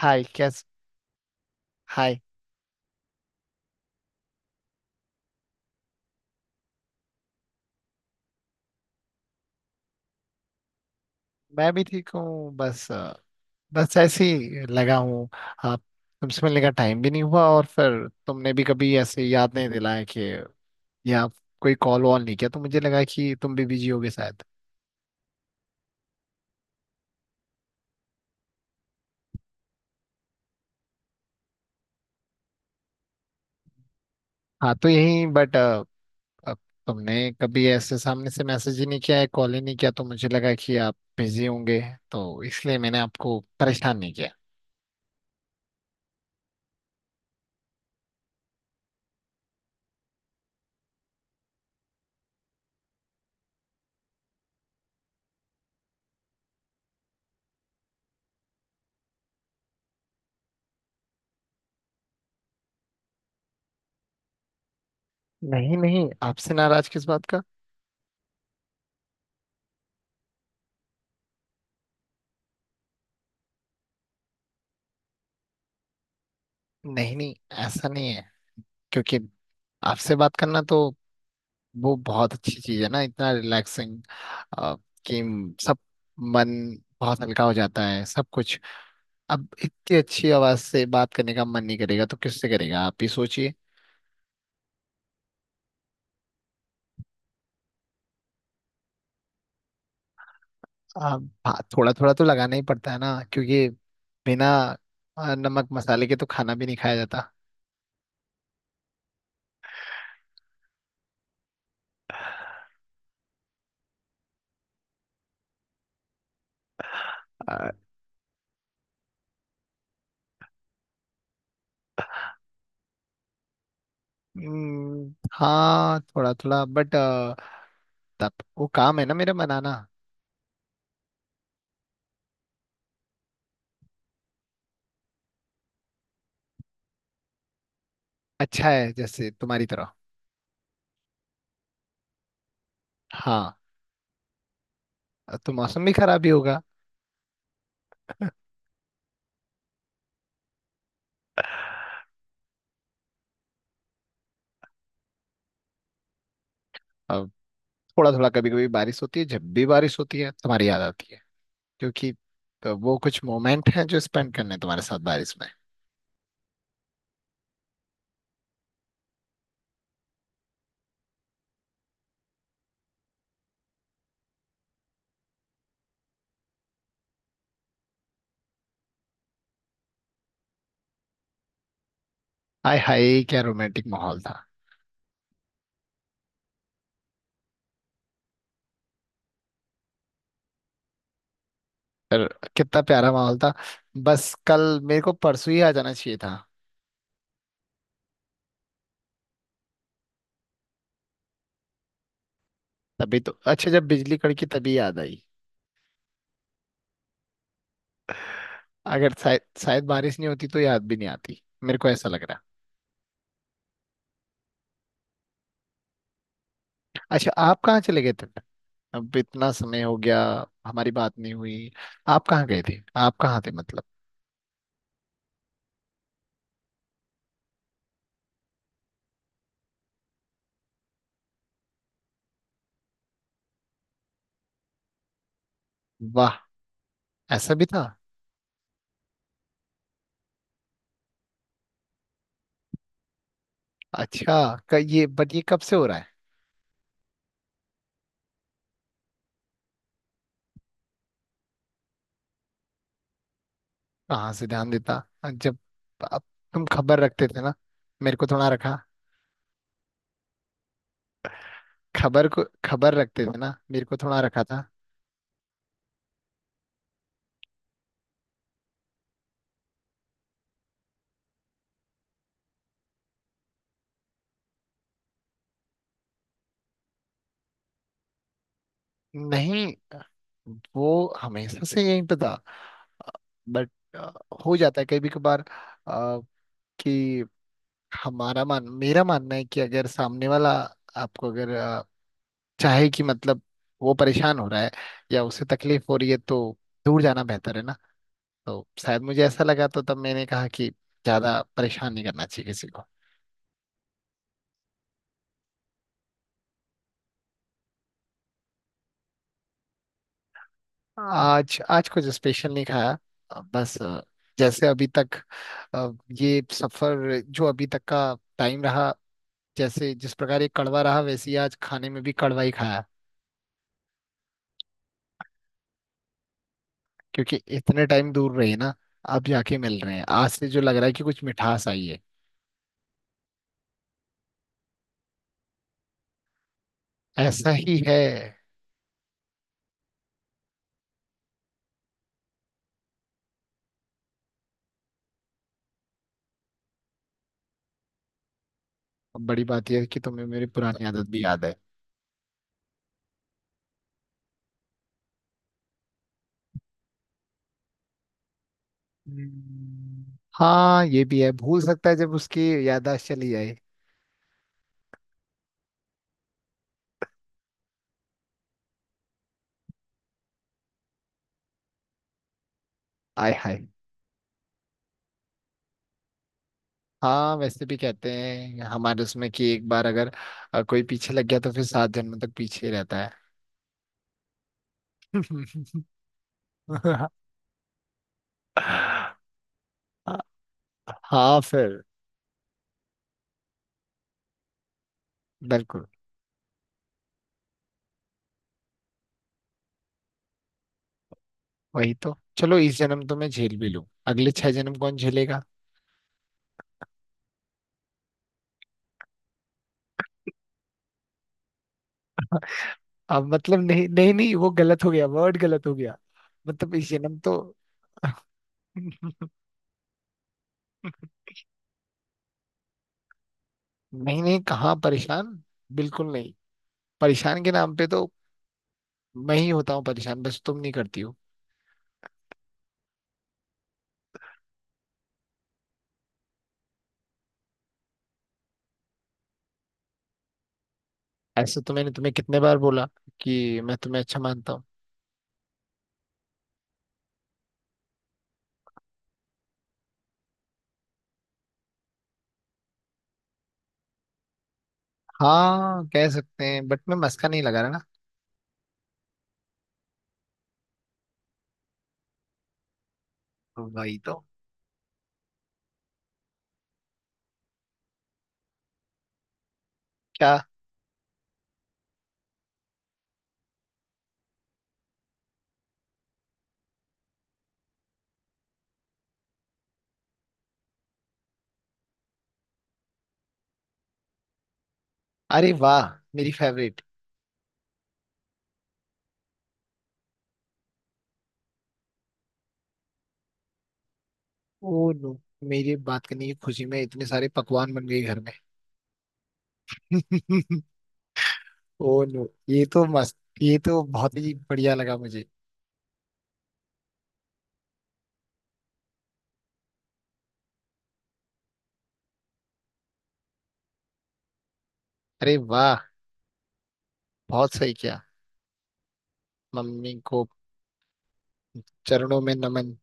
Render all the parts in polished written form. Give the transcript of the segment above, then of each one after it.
हाय कैस। हाय। मैं भी ठीक हूँ बस बस ऐसे ही लगा हूँ। आप तुमसे मिलने का टाइम भी नहीं हुआ और फिर तुमने भी कभी ऐसे याद नहीं दिलाया कि या कोई कॉल वॉल नहीं किया तो मुझे लगा कि तुम भी बिजी होगे शायद। हाँ तो यही बट तुमने कभी ऐसे सामने से मैसेज ही नहीं किया है कॉल ही नहीं किया तो मुझे लगा कि आप बिजी होंगे तो इसलिए मैंने आपको परेशान नहीं किया। नहीं नहीं आपसे नाराज किस बात का। नहीं नहीं ऐसा नहीं है क्योंकि आपसे बात करना तो वो बहुत अच्छी चीज है ना, इतना रिलैक्सिंग कि सब मन बहुत हल्का हो जाता है सब कुछ। अब इतनी अच्छी आवाज से बात करने का मन नहीं करेगा तो किससे करेगा आप ही सोचिए। आप थोड़ा थोड़ा तो लगाना ही पड़ता है ना, क्योंकि बिना नमक मसाले के तो खाना भी नहीं खाया जाता। अ, हाँ थोड़ा थोड़ा बट तब वो काम है ना मेरा बनाना। अच्छा है जैसे तुम्हारी तरह। हाँ तो मौसम भी खराब ही होगा। थोड़ा थोड़ा, कभी कभी बारिश होती है, जब भी बारिश होती है तुम्हारी याद आती है क्योंकि तो वो कुछ मोमेंट हैं जो स्पेंड करने हैं तुम्हारे साथ बारिश में। हाय हाय क्या रोमांटिक माहौल था। पर कितना प्यारा माहौल था, बस कल मेरे को परसों ही आ जाना चाहिए था। तभी तो अच्छा, जब बिजली कड़की तभी याद आई। अगर शायद शायद बारिश नहीं होती तो याद भी नहीं आती, मेरे को ऐसा लग रहा है। अच्छा आप कहाँ चले गए थे। अब इतना समय हो गया, हमारी बात नहीं हुई। आप कहाँ गए थे, आप कहाँ थे मतलब। वाह, ऐसा भी था। अच्छा क, ये बट ये कब से हो रहा है। कहाँ से ध्यान देता, जब अब तुम खबर रखते थे ना, मेरे को थोड़ा रखा। खबर को खबर रखते थे ना, मेरे को थोड़ा रखा था। नहीं, वो हमेशा से यहीं पे था बट हो जाता है कभी कभार अ, कि हमारा मान मेरा मानना है कि अगर सामने वाला आपको अगर चाहे कि मतलब वो परेशान हो रहा है या उसे तकलीफ हो रही है तो दूर जाना बेहतर है ना। तो शायद मुझे ऐसा लगा तो तब मैंने कहा कि ज्यादा परेशान नहीं करना चाहिए किसी को। हाँ। आज आज कुछ स्पेशल नहीं खाया। बस जैसे अभी तक अ, ये सफर जो अभी तक का टाइम रहा, जैसे जिस प्रकार ये कड़वा रहा वैसे ही आज खाने में भी कड़वा ही खाया। क्योंकि इतने टाइम दूर रहे ना, अब जाके मिल रहे हैं आज से जो लग रहा है कि कुछ मिठास आई है। ऐसा ही है। अब बड़ी बात यह है कि तुम्हें मेरी पुरानी आदत भी याद है। हम्म, हाँ ये भी है, भूल सकता है जब उसकी याददाश्त चली जाए। आय हाय। हाँ वैसे भी कहते हैं हमारे उसमें कि एक बार अगर कोई पीछे लग गया तो फिर सात जन्म तक पीछे ही रहता है। हाँ फिर। बिल्कुल। वही तो, चलो इस जन्म तो मैं झेल भी लूं, अगले छह जन्म कौन झेलेगा। अब मतलब नहीं नहीं नहीं वो गलत हो गया, वर्ड गलत हो गया, मतलब इस जन्म तो। नहीं नहीं कहाँ परेशान, बिल्कुल नहीं। परेशान के नाम पे तो मैं ही होता हूँ परेशान, बस तुम नहीं करती हो। ऐसे तो मैंने तुम्हें कितने बार बोला कि मैं तुम्हें अच्छा मानता हूँ। हाँ कह सकते हैं बट मैं मस्का नहीं लगा रहा ना। वही तो। क्या। अरे वाह, मेरी फेवरेट। ओ नो, मेरी बात करने की खुशी में इतने सारे पकवान बन गए घर में। ओ नो ये तो मस्त, ये तो बहुत ही बढ़िया लगा मुझे। अरे वाह, बहुत सही किया। मम्मी को चरणों में नमन।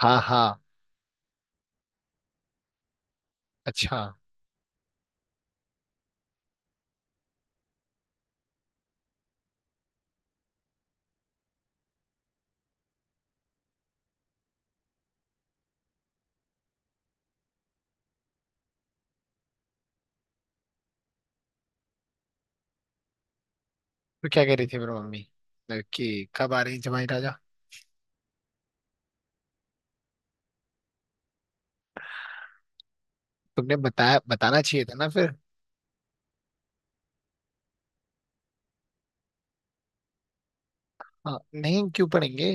हाँ हाँ। अच्छा तो क्या कह रही थी फिर मम्मी, कि कब आ रही जमाई राजा। तुमने बताया, बताना चाहिए था ना फिर। हाँ नहीं क्यों पढ़ेंगे।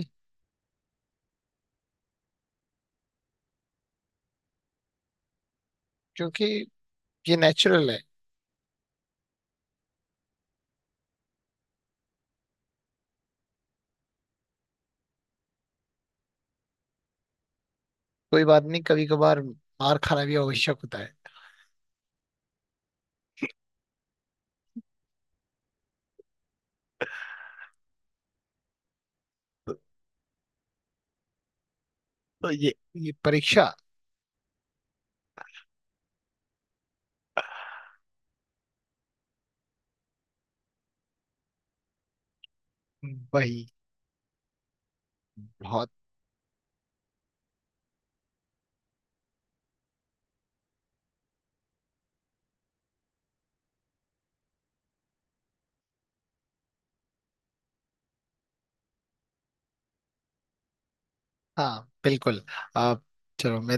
क्योंकि ये नेचुरल है। कोई बात नहीं, कभी कभार मार खाना भी आवश्यक होता है। तो, तो ये परीक्षा। वही। बहुत। हाँ बिल्कुल। आप, चलो मैं।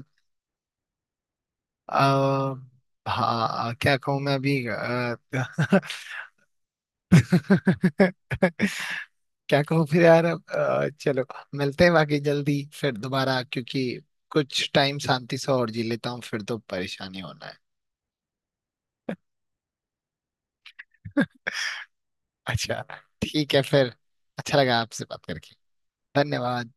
आ, हाँ क्या कहूँ मैं अभी क्या कहूँ फिर यार अब, चलो मिलते हैं बाकी जल्दी फिर दोबारा क्योंकि कुछ टाइम शांति से और जी लेता हूँ फिर तो परेशानी होना है। अच्छा ठीक है फिर, अच्छा लगा आपसे बात करके। धन्यवाद।